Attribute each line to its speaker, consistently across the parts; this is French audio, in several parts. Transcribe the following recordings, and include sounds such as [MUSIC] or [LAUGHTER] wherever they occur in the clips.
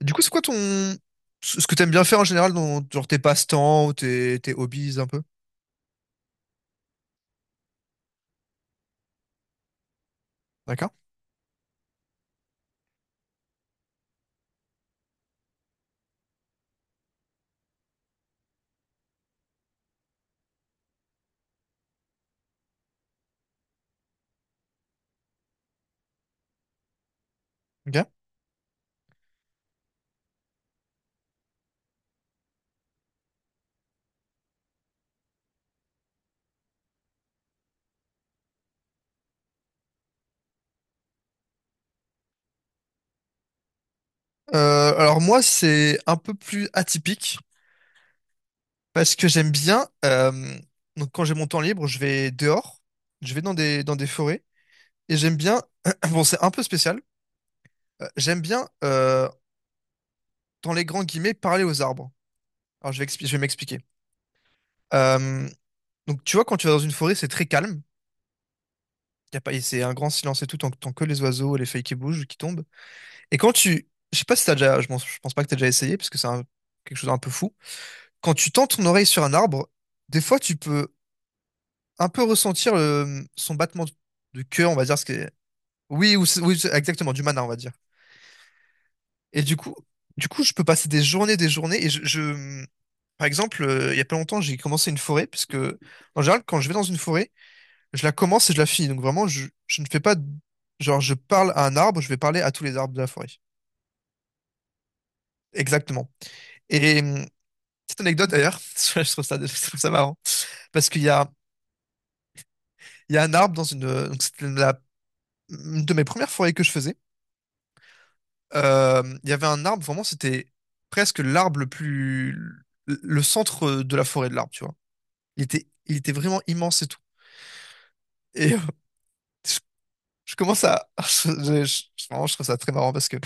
Speaker 1: Du coup, c'est quoi ton... ce que t'aimes bien faire en général dans genre tes passe-temps ou tes hobbies un peu? D'accord? Ok. Alors moi, c'est un peu plus atypique. Parce que j'aime bien, donc quand j'ai mon temps libre, je vais dehors, je vais dans dans des forêts, et j'aime bien, [CLEARS THROAT] bon c'est un peu spécial, j'aime bien, dans les grands guillemets, parler aux arbres. Alors je vais, je vais m'expliquer. Euh, donc tu vois, quand tu vas dans une forêt, c'est très calme, y a pas, et c'est un grand silence et tout, tant que les oiseaux et les feuilles qui bougent, qui tombent. Et quand tu, je sais pas si t'as déjà, je pense pas que t'as déjà essayé, parce que quelque chose d'un peu fou, quand tu tends ton oreille sur un arbre, des fois tu peux un peu ressentir son battement de cœur, on va dire, ce qui est... Oui, ou, oui, exactement, du mana, on va dire. Et du coup, je peux passer des journées, des journées. Et je. Par exemple, il y a pas longtemps, j'ai commencé une forêt, parce que en général, quand je vais dans une forêt, je la commence et je la finis. Donc vraiment, je ne fais pas, de- genre, je parle à un arbre, je vais parler à tous les arbres de la forêt. Exactement. Et petite anecdote d'ailleurs, [LAUGHS] je trouve ça marrant, parce qu'il y a, il y a un arbre dans une, donc une de mes premières forêts que je faisais. Il y avait un arbre, vraiment, c'était presque l'arbre le plus. Le centre de la forêt de l'arbre, tu vois. Il était vraiment immense et tout. Et je, je commence à. [LAUGHS] Je- vraiment, je trouve ça très marrant parce que.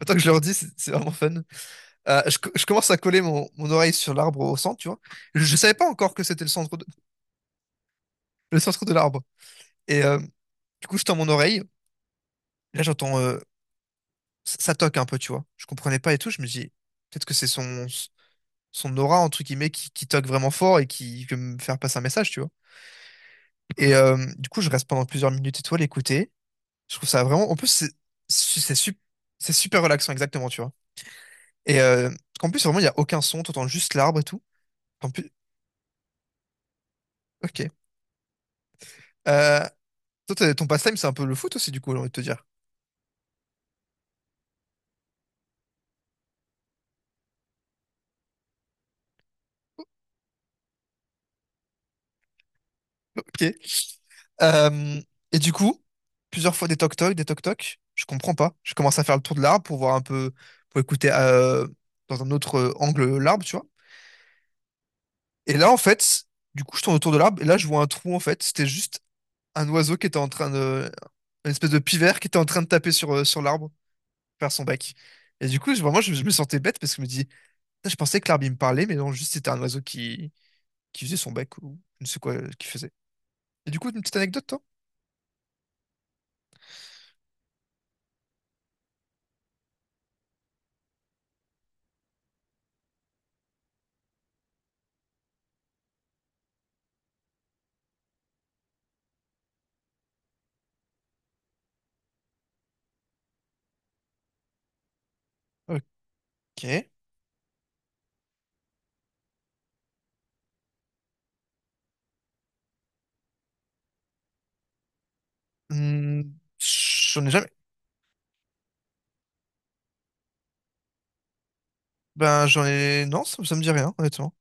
Speaker 1: Attends que je leur dis, c'est vraiment fun. Je, je commence à coller mon, mon oreille sur l'arbre au centre, tu vois. Je savais pas encore que c'était le centre de l'arbre. Et du coup, je tends mon oreille. Là, j'entends. Ça toque un peu, tu vois. Je comprenais pas et tout. Je me dis, peut-être que c'est son. Son aura entre guillemets qui toque vraiment fort et qui peut me faire passer un message, tu vois. Et du coup je reste pendant plusieurs minutes et toi l'écouter, je trouve ça vraiment, en plus c'est c'est sup- c'est super relaxant, exactement, tu vois. Et en plus vraiment il y a aucun son, t'entends juste l'arbre et tout, en plus. Ok. euh, Toi t'as- ton pastime c'est un peu le foot aussi, du coup j'ai envie de te dire. Ok. Euh, et du coup plusieurs fois des toc toc, des toc toc, je comprends pas, je commence à faire le tour de l'arbre pour voir un peu, pour écouter dans un autre angle, l'arbre, tu vois. Et là, en fait, du coup, je tourne autour de l'arbre et là, je vois un trou, en fait. C'était juste un oiseau qui était en train de. Une espèce de pivert qui était en train de taper sur, sur l'arbre, faire son bec. Et du coup, je- vraiment, je me sentais bête parce que je me dis, putain, je pensais que l'arbre, il me parlait, mais non, juste c'était un oiseau qui faisait son bec ou je ne sais quoi qu'il faisait. Et du coup, une petite anecdote, toi? Ok. Hmm, j'en ai jamais. Ben, j'en ai. Non, ça me dit rien, honnêtement.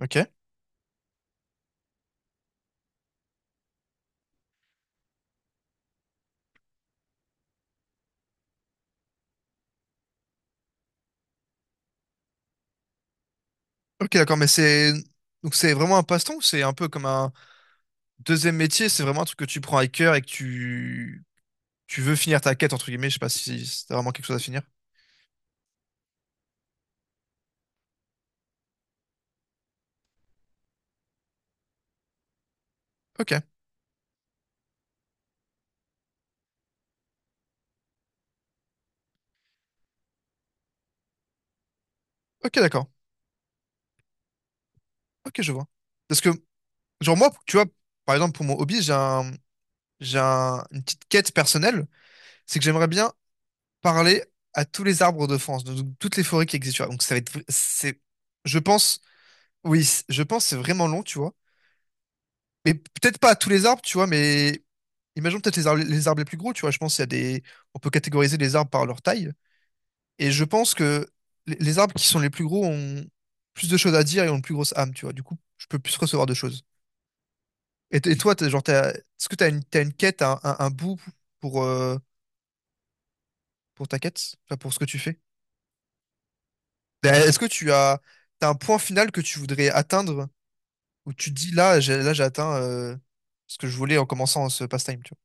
Speaker 1: Ok. Ok, d'accord, mais c'est. Donc, c'est vraiment un passe-temps ou c'est un peu comme un. Deuxième métier, c'est vraiment un truc que tu prends à cœur et que tu veux finir ta quête, entre guillemets. Je sais pas si c'est vraiment quelque chose à finir. Ok, ok, d'accord. Ok, je vois. Parce que, genre, moi, tu vois, par exemple, pour mon hobby, j'ai un- une petite quête personnelle. C'est que j'aimerais bien parler à tous les arbres de France, donc toutes les forêts qui existent, tu vois. Donc, ça va être, vr- c'est, je pense, oui, c- je pense que c'est vraiment long, tu vois. Mais peut-être pas à tous les arbres, tu vois, mais imaginons peut-être les arbres, les arbres les plus gros, tu vois. Je pense qu'il y a des, on peut catégoriser les arbres par leur taille. Et je pense que les arbres qui sont les plus gros ont plus de choses à dire et ont une plus grosse âme, tu vois. Du coup, je peux plus recevoir de choses. Et, t- et toi, t'as- genre, t'as- est-ce que tu as une, t'as une quête, un bout pour, euh, pour ta quête? Enfin, pour ce que tu fais? Ben, est-ce que tu as, t'as un point final que tu voudrais atteindre où tu te dis là, j'ai atteint ce que je voulais en commençant ce pastime, tu vois?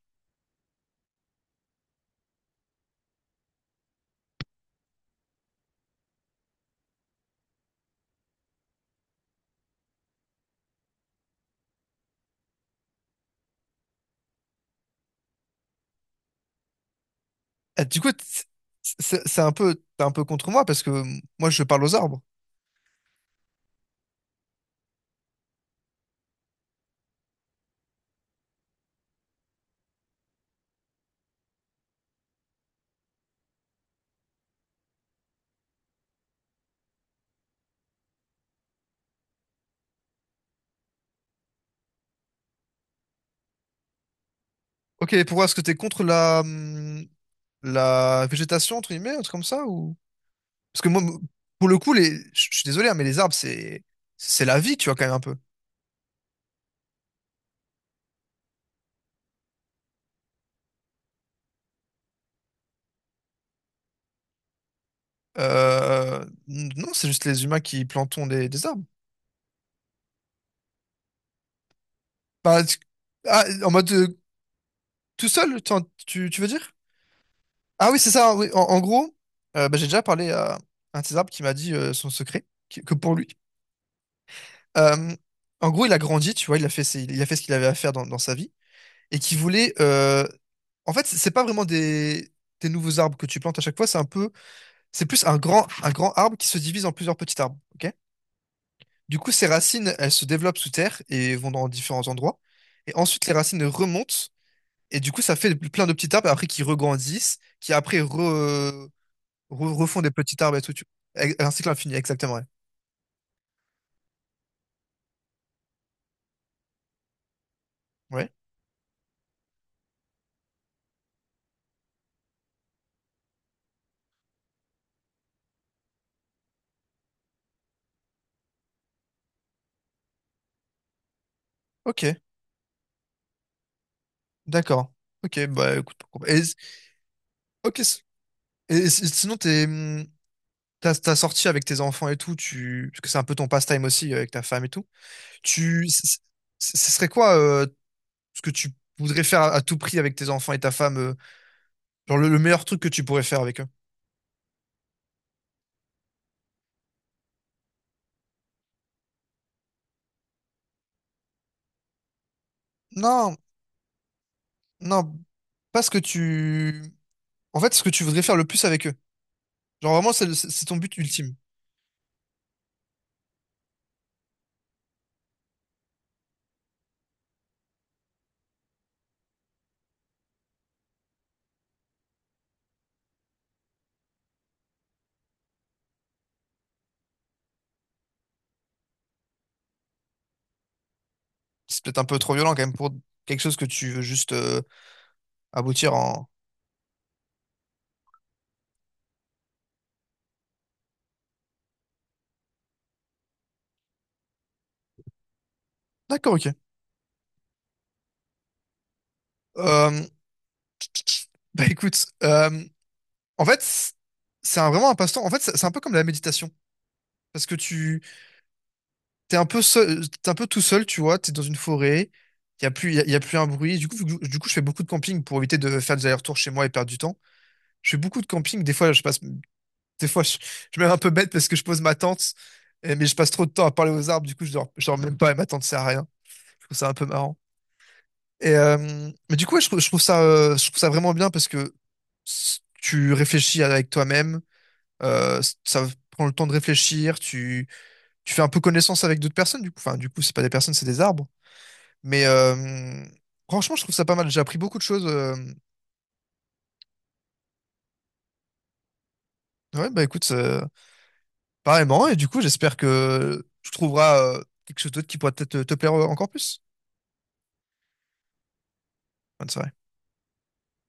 Speaker 1: Ah, du coup, t- c'est un peu, t'es un peu contre moi parce que moi, je parle aux arbres. Ok, pourquoi est-ce que t'es contre la, la végétation, entre guillemets, un truc comme ça, ou... Parce que moi, m- pour le coup, les... je suis désolé, hein, mais les arbres, c'est la vie, tu vois, quand même un peu. Non, c'est juste les humains qui plantons des arbres. Bah, tu- ah, en mode tout seul, t'en- tu veux dire? Ah oui, c'est ça. Oui. En, en gros, bah, j'ai déjà parlé à un de ces arbres qui m'a dit son secret, qui- que pour lui. Euh, En gros, il a grandi, tu vois, il a fait, ses- il a fait ce qu'il avait à faire dans, dans sa vie et qui voulait. En fait, c'est pas vraiment des nouveaux arbres que tu plantes à chaque fois, c'est un peu, c'est plus un grand arbre qui se divise en plusieurs petits arbres. Ok, du coup, ses racines, elles se développent sous terre et vont dans différents endroits. Et ensuite, les racines remontent et du coup, ça fait plein de petits arbres après qui regrandissent, qui après re Re- refont des petits arbres et tout. Tu- ex- un cycle infini, exactement. Ouais. Ouais. Ok. D'accord. Ok. Bah écoute. Pourquoi pas. Et, ok. S- et, s- sinon, t'es, t'as, t'as sorti avec tes enfants et tout. Tu, parce que c'est un peu ton pastime aussi avec ta femme et tout. Tu, c- c- ce serait quoi ce que tu voudrais faire à tout prix avec tes enfants et ta femme? Genre le meilleur truc que tu pourrais faire avec eux? Non, non. Pas ce que tu. En fait, ce que tu voudrais faire le plus avec eux. Genre vraiment, c'est le- c'est ton but ultime. C'est peut-être un peu trop violent quand même pour quelque chose que tu veux juste aboutir en... D'accord, ok. [LAUGHS] Bah écoute, en fait, c'est un- vraiment un passe-temps. En fait, c'est un peu comme la méditation. Parce que tu... t'es un peu seul, t'es un peu tout seul, tu vois, t'es dans une forêt, il y a plus, y a, y a plus un bruit. Du coup, vu que je- du coup, je fais beaucoup de camping pour éviter de faire des allers-retours chez moi et perdre du temps. Je fais beaucoup de camping. Des fois, je passe, des fois, je me mets un peu bête parce que je pose ma tente, et- mais je passe trop de temps à parler aux arbres. Du coup, je dors même pas et ma tente sert à rien. Je trouve ça un peu marrant. Et mais du coup, ouais, je trouve ça vraiment bien parce que s- tu réfléchis avec toi-même. S- ça prend le temps de réfléchir. Tu fais un peu connaissance avec d'autres personnes. Du coup, enfin, du coup, c'est pas des personnes, c'est des arbres. Mais franchement, je trouve ça pas mal. J'ai appris beaucoup de choses. Ouais, bah écoute, pareillement. Et du coup, j'espère que tu trouveras quelque chose d'autre qui pourra peut-être te te plaire encore plus. Bonne soirée.